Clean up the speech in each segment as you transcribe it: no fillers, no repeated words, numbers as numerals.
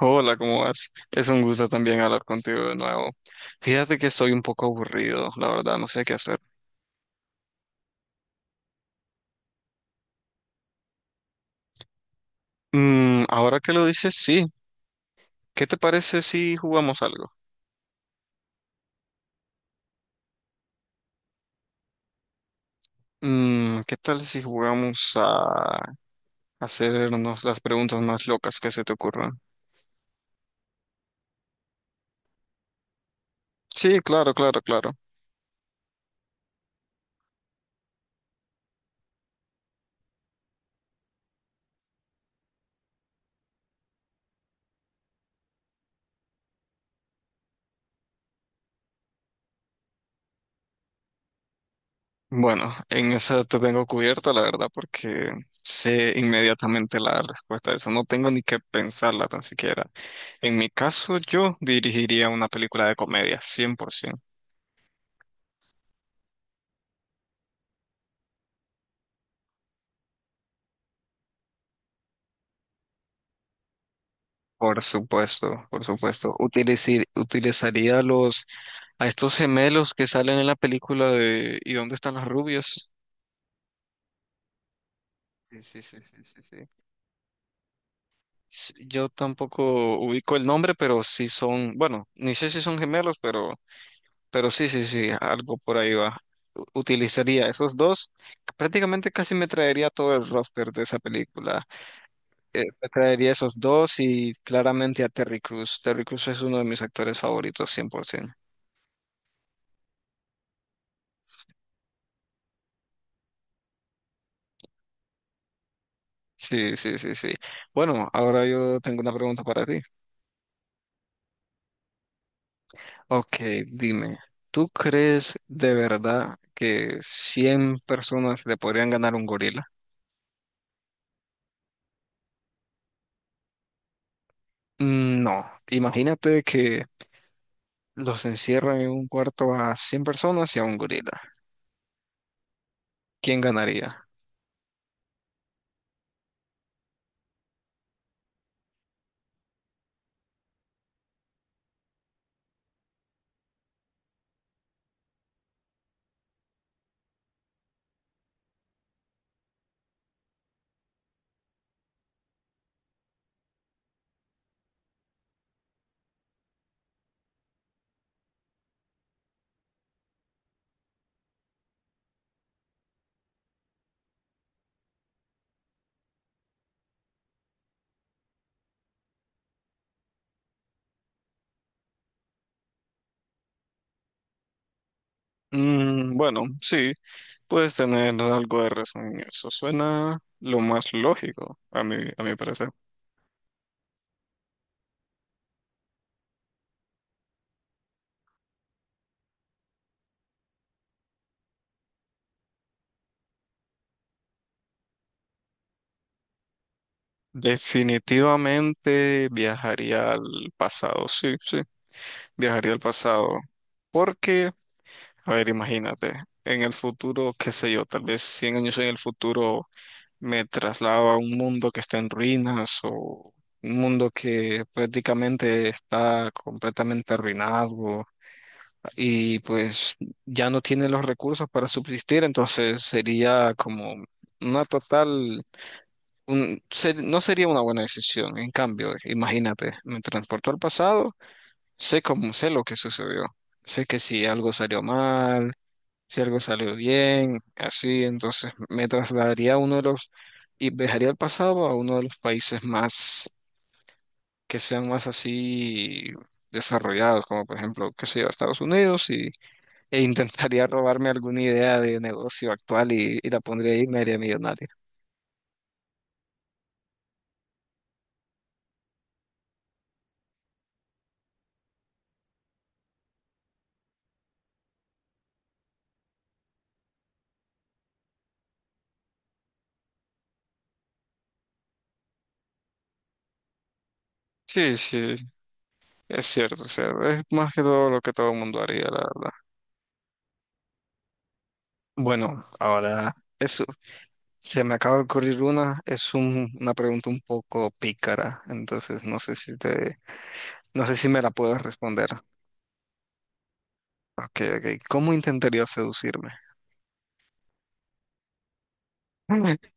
Hola, ¿cómo vas? Es un gusto también hablar contigo de nuevo. Fíjate que estoy un poco aburrido, la verdad, no sé qué hacer. Ahora que lo dices, sí. ¿Qué te parece si jugamos algo? ¿Qué tal si jugamos a hacernos las preguntas más locas que se te ocurran? Sí, claro, claro, claro. Bueno, en esa te tengo cubierta, la verdad, porque sé inmediatamente la respuesta a eso. No tengo ni que pensarla tan siquiera. En mi caso, yo dirigiría una película de comedia, 100%. Por supuesto, por supuesto. Utilizaría los a estos gemelos que salen en la película de ¿Y dónde están las rubias? Sí, sí, sí, sí, sí, sí. Yo tampoco ubico el nombre, pero sí son, bueno, ni sé si son gemelos, pero sí, sí, sí, algo por ahí va. Utilizaría esos dos. Prácticamente casi me traería todo el roster de esa película. Me traería esos dos y claramente a Terry Crews. Terry Crews es uno de mis actores favoritos, 100%. Sí, sí, sí, sí. Bueno, ahora yo tengo una pregunta para ti. Ok, dime, ¿tú crees de verdad que 100 personas le podrían ganar a un gorila? No, imagínate que los encierran en un cuarto a 100 personas y a un gorila. ¿Quién ganaría? Bueno, sí, puedes tener algo de razón en eso. Suena lo más lógico, a mi parecer. Definitivamente viajaría al pasado, sí, sí. Viajaría al pasado. Porque, a ver, imagínate, en el futuro, qué sé yo, tal vez 100 años en el futuro me traslado a un mundo que está en ruinas o un mundo que prácticamente está completamente arruinado y pues ya no tiene los recursos para subsistir, entonces sería como una total, no sería una buena decisión. En cambio, imagínate, me transporto al pasado. Sé cómo, sé lo que sucedió. Sé que si algo salió mal, si algo salió bien, así, entonces me trasladaría a uno de los, y viajaría al pasado a uno de los países más, que sean más así desarrollados, como por ejemplo, qué sé yo, Estados Unidos, e intentaría robarme alguna idea de negocio actual y la pondría ahí y me haría millonario. Sí, sí, es cierto, o sea, es más que todo lo que todo el mundo haría, la verdad. Bueno, ahora es se me acaba de ocurrir una, una pregunta un poco pícara, entonces no sé si me la puedes responder. Ok, ok. ¿Cómo intentaría seducirme?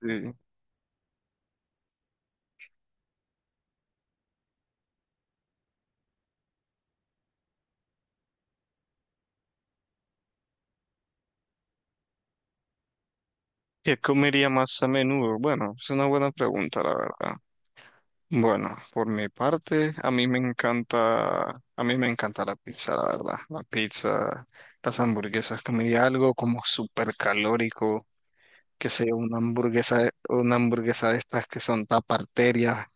Sí. ¿Qué comería más a menudo? Bueno, es una buena pregunta, la verdad. Bueno, por mi parte, a mí me encanta la pizza, la verdad. La pizza, las hamburguesas, comería algo como súper calórico, que sea una hamburguesa de estas que son taparterias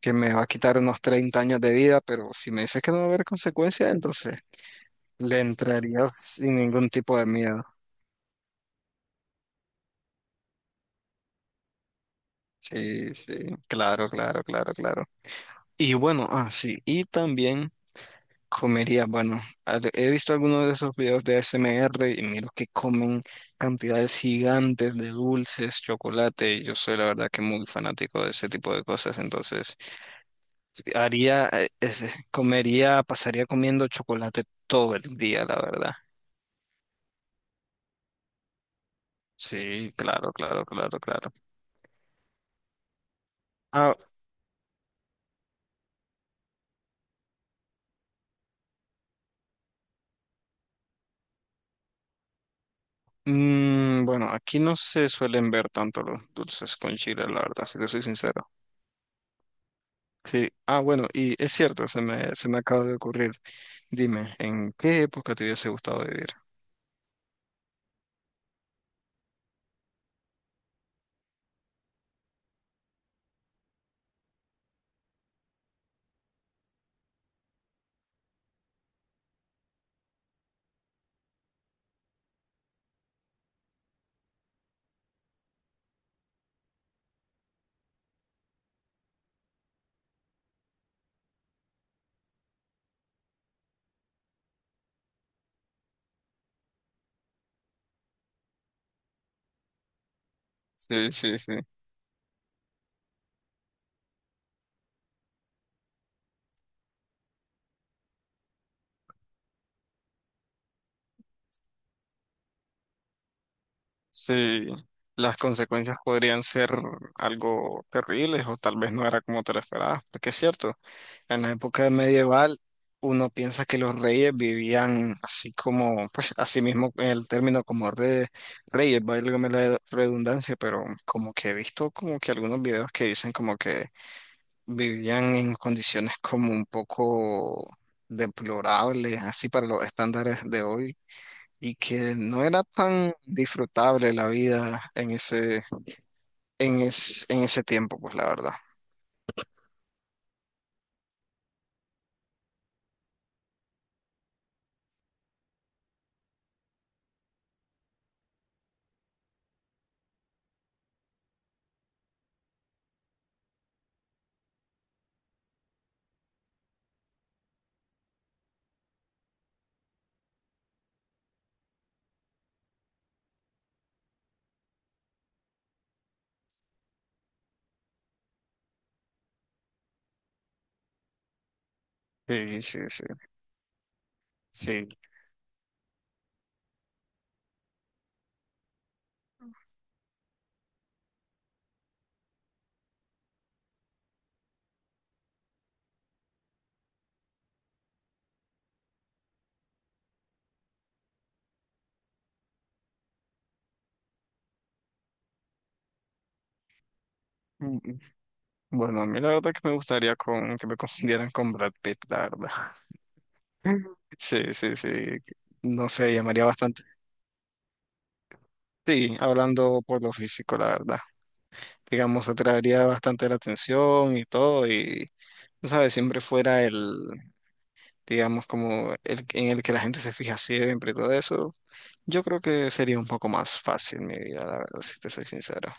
que me va a quitar unos 30 años de vida, pero si me dices que no va a haber consecuencias, entonces le entrarías sin ningún tipo de miedo. Sí, sí, claro, claro, claro, claro. Y bueno, sí, y también comería, bueno, he visto algunos de esos videos de ASMR y miro que comen cantidades gigantes de dulces, chocolate, y yo soy la verdad que muy fanático de ese tipo de cosas, entonces comería, pasaría comiendo chocolate todo el día, la verdad. Sí, claro, claro, claro, claro. Ah, bueno, aquí no se suelen ver tanto los dulces con chile, la verdad, si te soy sincero. Sí, ah, bueno, y es cierto, se me acaba de ocurrir. Dime, ¿en qué época te hubiese gustado vivir? Sí, sí, sí. Sí, las consecuencias podrían ser algo terribles o tal vez no era como te lo esperabas, porque es cierto, en la época medieval uno piensa que los reyes vivían así como, pues así mismo el término como reyes, válgame la redundancia, pero como que he visto como que algunos videos que dicen como que vivían en condiciones como un poco deplorables, así para los estándares de hoy y que no era tan disfrutable la vida en ese, en ese tiempo, pues la verdad. Sí, sí, sí, sí. Mm, Bueno, a mí la verdad que me gustaría que me confundieran con Brad Pitt, la verdad. Sí, sí, sí. No sé, llamaría bastante. Sí, hablando por lo físico, la verdad. Digamos, atraería bastante la atención y todo, y, tú ¿sabes? Siempre fuera el, digamos, como el, en el que la gente se fija siempre y todo eso, yo creo que sería un poco más fácil mi vida, la verdad, si te soy sincero.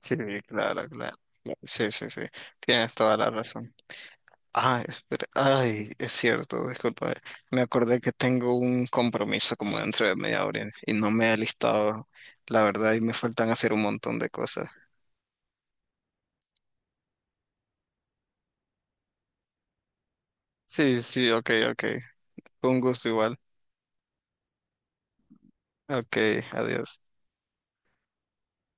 Sí, claro, claro. Sí, sí, sí. Tienes toda la razón. Ah, espera. Ay, es cierto, disculpa. Me acordé que tengo un compromiso como dentro de media hora y no me he listado, la verdad, y me faltan hacer un montón de cosas. Sí, sí, ok, ok. Un gusto igual. Ok, adiós.